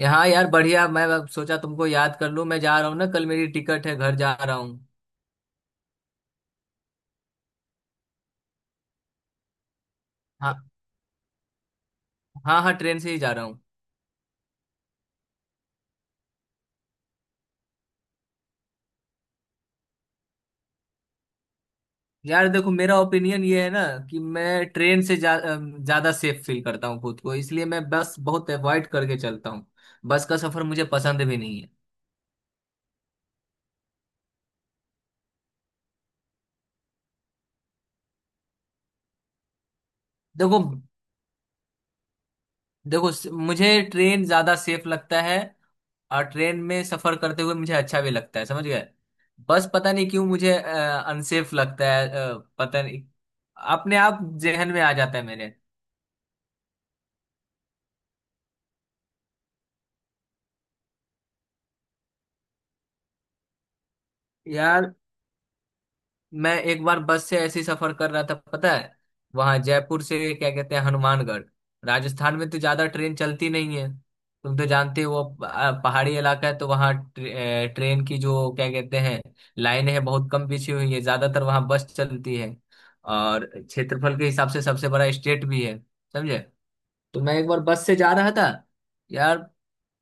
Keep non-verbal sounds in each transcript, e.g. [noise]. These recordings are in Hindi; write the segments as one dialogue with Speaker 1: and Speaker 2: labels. Speaker 1: यहाँ यार बढ़िया। मैं अब सोचा तुमको याद कर लूँ। मैं जा रहा हूँ ना, कल मेरी टिकट है, घर जा रहा हूँ। हाँ। हाँ, हाँ ट्रेन से ही जा रहा हूँ। यार देखो, मेरा ओपिनियन ये है ना कि मैं ट्रेन से ज्यादा सेफ फील करता हूँ खुद को, इसलिए मैं बस बहुत अवॉइड करके चलता हूँ। बस का सफर मुझे पसंद भी नहीं है। देखो। देखो, मुझे ट्रेन ज्यादा सेफ लगता है। और ट्रेन में सफर करते हुए मुझे अच्छा भी लगता है, समझ गए। बस पता नहीं क्यों मुझे अनसेफ लगता है, पता नहीं। अपने आप जहन में आ जाता है मेरे। यार, मैं एक बार बस से ऐसे ही सफर कर रहा था, पता है। वहां जयपुर से क्या कहते हैं, हनुमानगढ़। राजस्थान में तो ज्यादा ट्रेन चलती नहीं है। तुम तो जानते हो, वो पहाड़ी इलाका है, तो वहाँ ट्रेन की जो क्या कहते हैं, लाइन है, बहुत कम बिछी हुई है। ज्यादातर वहाँ बस चलती है। और क्षेत्रफल के हिसाब से सबसे बड़ा स्टेट भी है, समझे। तो मैं एक बार बस से जा रहा था यार,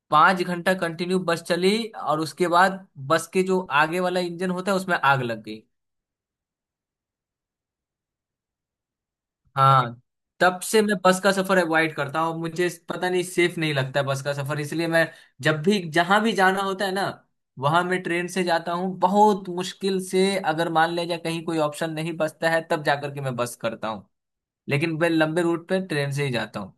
Speaker 1: 5 घंटा कंटिन्यू बस चली। और उसके बाद बस के जो आगे वाला इंजन होता है, उसमें आग लग गई। हाँ। तब से मैं बस का सफर अवॉइड करता हूँ, मुझे पता नहीं, सेफ नहीं लगता है बस का सफर, इसलिए मैं जब भी जहां भी जाना होता है ना, वहां मैं ट्रेन से जाता हूँ। बहुत मुश्किल से, अगर मान लिया जाए कहीं कोई ऑप्शन नहीं बचता है, तब जाकर के मैं बस करता हूँ। लेकिन मैं लंबे रूट पे ट्रेन से ही जाता हूँ।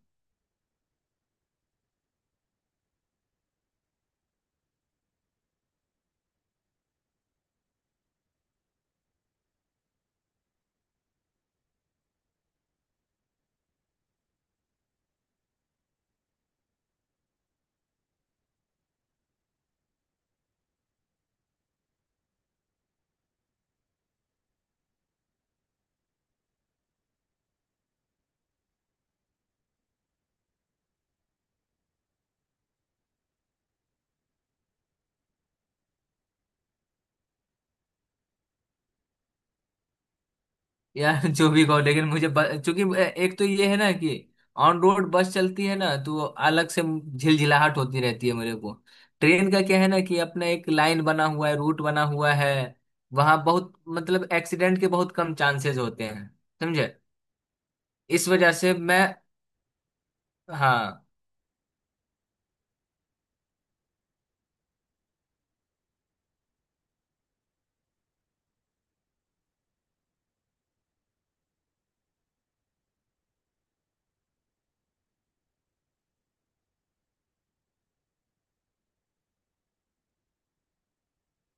Speaker 1: यार [laughs] जो भी कहो, लेकिन मुझे चूंकि एक तो ये है ना कि ऑन रोड बस चलती है ना, तो अलग से झिलझिलाहट होती रहती है मेरे को। ट्रेन का क्या है ना कि अपना एक लाइन बना हुआ है, रूट बना हुआ है। वहां बहुत मतलब एक्सीडेंट के बहुत कम चांसेस होते हैं, समझे। इस वजह से मैं। हाँ।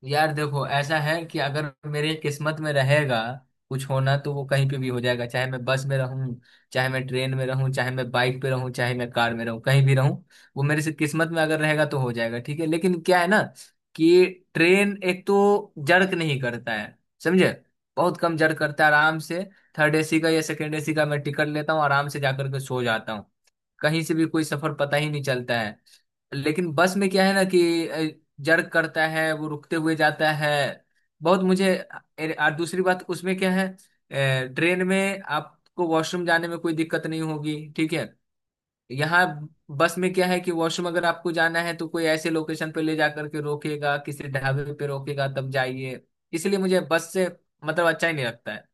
Speaker 1: यार देखो, ऐसा है कि अगर मेरे किस्मत में रहेगा कुछ होना, तो वो कहीं पे भी हो जाएगा, चाहे मैं बस में रहूं, चाहे मैं ट्रेन में रहूं, चाहे मैं बाइक पे रहूं, चाहे मैं कार में रहूं, कहीं भी रहूं। वो मेरे से किस्मत में अगर रहेगा, तो हो जाएगा। ठीक है, लेकिन क्या है ना कि ट्रेन एक तो जर्क नहीं करता है, समझे। बहुत कम जर्क करता है, आराम से। थर्ड एसी का या सेकेंड एसी का मैं टिकट लेता हूँ, आराम से जाकर के सो जाता हूँ। कहीं से भी कोई सफर पता ही नहीं चलता है। लेकिन बस में क्या है ना कि जर्क करता है, वो रुकते हुए जाता है, बहुत मुझे। अरे, और दूसरी बात उसमें क्या है, ट्रेन में आपको वॉशरूम जाने में कोई दिक्कत नहीं होगी, ठीक है। यहाँ बस में क्या है कि वॉशरूम अगर आपको जाना है, तो कोई ऐसे लोकेशन पे ले जा करके रोकेगा, किसी ढाबे पे रोकेगा, तब जाइए। इसलिए मुझे बस से मतलब अच्छा ही नहीं लगता है।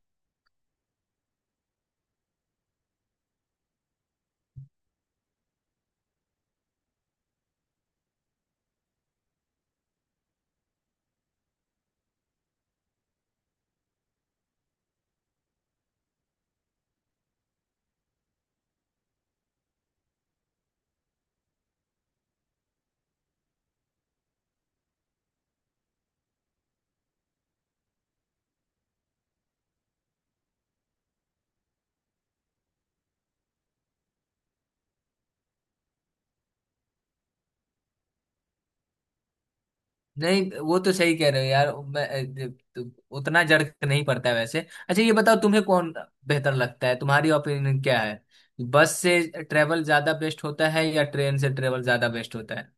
Speaker 1: नहीं, वो तो सही कह रहे हो यार, मैं तो उतना जर्क नहीं पड़ता है वैसे। अच्छा ये बताओ, तुम्हें कौन बेहतर लगता है, तुम्हारी ओपिनियन क्या है। बस से ट्रेवल ज्यादा बेस्ट होता है या ट्रेन से ट्रेवल ज्यादा बेस्ट होता है।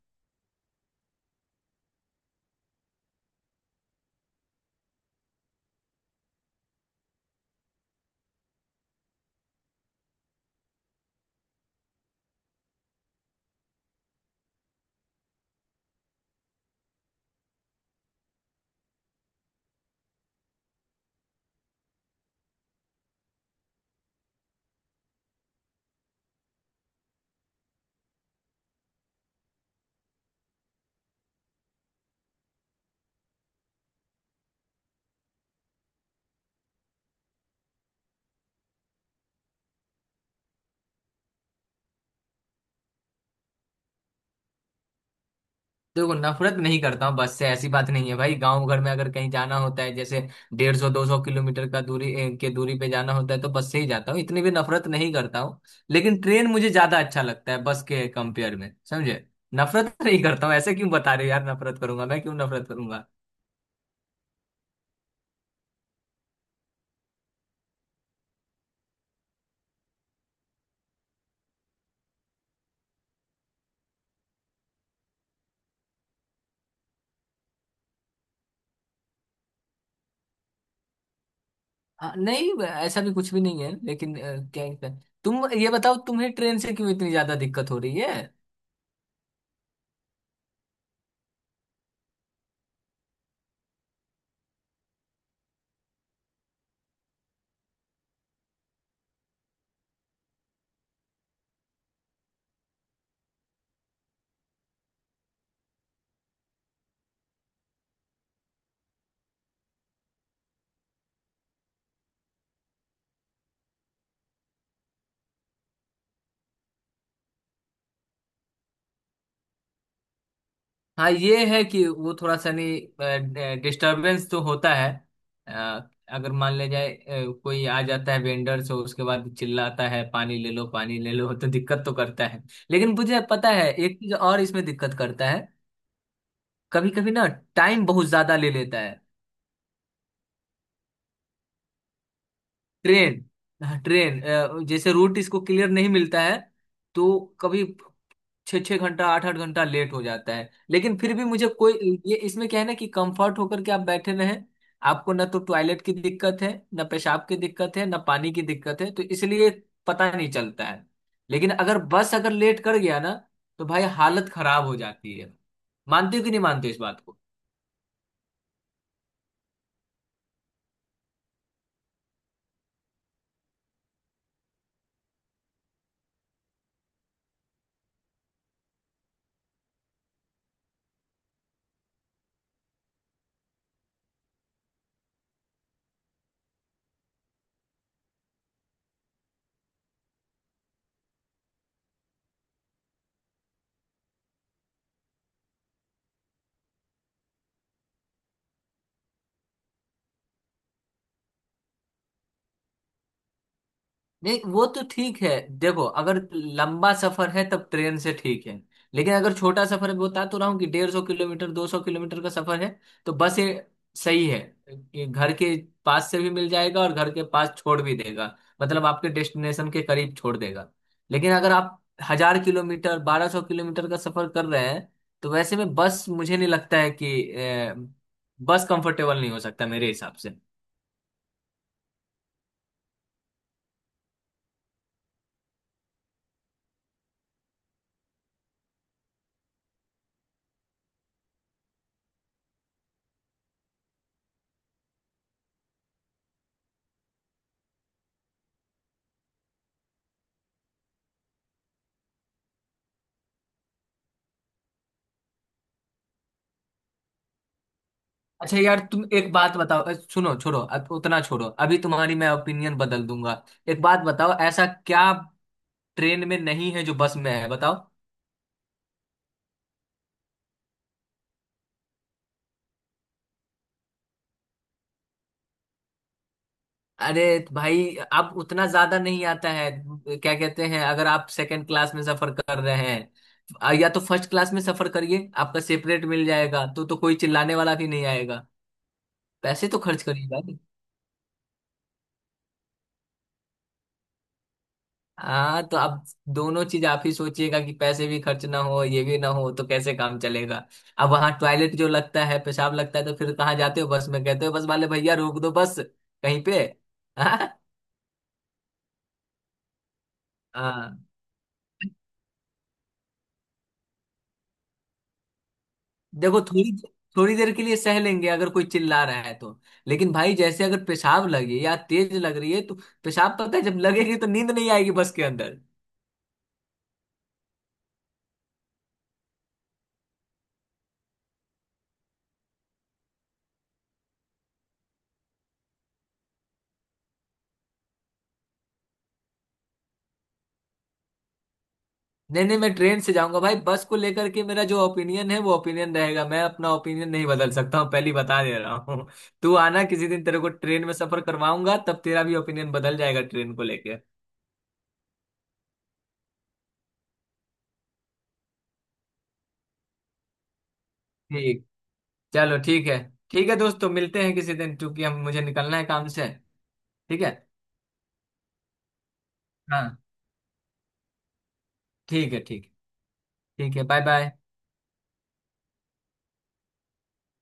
Speaker 1: देखो, नफरत नहीं करता हूँ बस से, ऐसी बात नहीं है भाई। गांव घर में अगर कहीं जाना होता है, जैसे 150 200 किलोमीटर का दूरी ए, के दूरी पे जाना होता है, तो बस से ही जाता हूँ। इतनी भी नफरत नहीं करता हूँ। लेकिन ट्रेन मुझे ज्यादा अच्छा लगता है बस के कंपेयर में, समझे। नफरत नहीं करता हूँ, ऐसे क्यों बता रहे हो यार, नफरत करूंगा मैं, क्यों नफरत करूंगा। हाँ नहीं, ऐसा भी कुछ भी नहीं है, लेकिन क्या क्या- तुम ये बताओ, तुम्हें ट्रेन से क्यों इतनी ज्यादा दिक्कत हो रही है। हाँ, ये है कि वो थोड़ा सा नहीं डिस्टरबेंस तो होता है। अगर मान ले जाए, कोई आ जाता है वेंडर से, उसके बाद चिल्लाता है पानी ले लो पानी ले लो, तो दिक्कत तो करता है। लेकिन मुझे पता है एक चीज और इसमें दिक्कत करता है। कभी कभी ना टाइम बहुत ज्यादा ले लेता है। ट्रेन। हाँ, ट्रेन जैसे रूट इसको क्लियर नहीं मिलता है, तो कभी 6 6 घंटा 8 8 घंटा लेट हो जाता है। लेकिन फिर भी मुझे कोई, ये इसमें क्या है ना कि कंफर्ट होकर के आप बैठे रहें, आपको ना तो टॉयलेट की दिक्कत है, ना पेशाब की दिक्कत है, ना पानी की दिक्कत है, तो इसलिए पता नहीं चलता है। लेकिन अगर बस अगर लेट कर गया ना, तो भाई हालत खराब हो जाती है। मानते हो कि नहीं मानते हो इस बात। नहीं, वो तो ठीक है। देखो, अगर लंबा सफर है तब ट्रेन से ठीक है। लेकिन अगर छोटा सफर है, बता तो रहा हूँ कि 150 किलोमीटर 200 किलोमीटर का सफर है, तो बस ये सही है। ये घर के पास से भी मिल जाएगा और घर के पास छोड़ भी देगा, मतलब आपके डेस्टिनेशन के करीब छोड़ देगा। लेकिन अगर आप 1000 किलोमीटर 1200 किलोमीटर का सफर कर रहे हैं, तो वैसे में बस, मुझे नहीं लगता है कि बस कंफर्टेबल नहीं हो सकता मेरे हिसाब से। अच्छा यार तुम एक बात बताओ, सुनो, छोड़ो, अब उतना छोड़ो, अभी तुम्हारी मैं ओपिनियन बदल दूंगा। एक बात बताओ, ऐसा क्या ट्रेन में नहीं है जो बस में है, बताओ। अरे भाई, अब उतना ज्यादा नहीं आता है। क्या कहते हैं, अगर आप सेकंड क्लास में सफर कर रहे हैं, या तो फर्स्ट क्लास में सफर करिए, आपका सेपरेट मिल जाएगा तो कोई चिल्लाने वाला भी नहीं आएगा। पैसे तो खर्च करिए भाई। हाँ, तो अब दोनों चीज आप ही सोचिएगा कि पैसे भी खर्च ना हो ये भी ना हो, तो कैसे काम चलेगा। अब वहां टॉयलेट जो लगता है, पेशाब लगता है, तो फिर कहाँ जाते हो बस में, कहते हो बस वाले भैया रोक दो बस कहीं पे। [laughs] हाँ। हाँ। देखो, थोड़ी थोड़ी देर के लिए सह लेंगे अगर कोई चिल्ला रहा है तो। लेकिन भाई, जैसे अगर पेशाब लगे या तेज लग रही है तो, पेशाब पता है जब लगेगी तो नींद नहीं आएगी बस के अंदर। नहीं नहीं, मैं ट्रेन से जाऊंगा भाई। बस को लेकर के मेरा जो ओपिनियन है, वो ओपिनियन रहेगा। मैं अपना ओपिनियन नहीं बदल सकता हूँ, पहली बता दे रहा हूँ। [laughs] तू आना किसी दिन, तेरे को ट्रेन में सफर करवाऊंगा, तब तेरा भी ओपिनियन बदल जाएगा ट्रेन को लेकर। ठीक। चलो ठीक है। ठीक है दोस्तों, मिलते हैं किसी दिन, क्योंकि हम मुझे निकलना है काम से। ठीक है। हाँ, ठीक है, ठीक है। ठीक है, बाय बाय।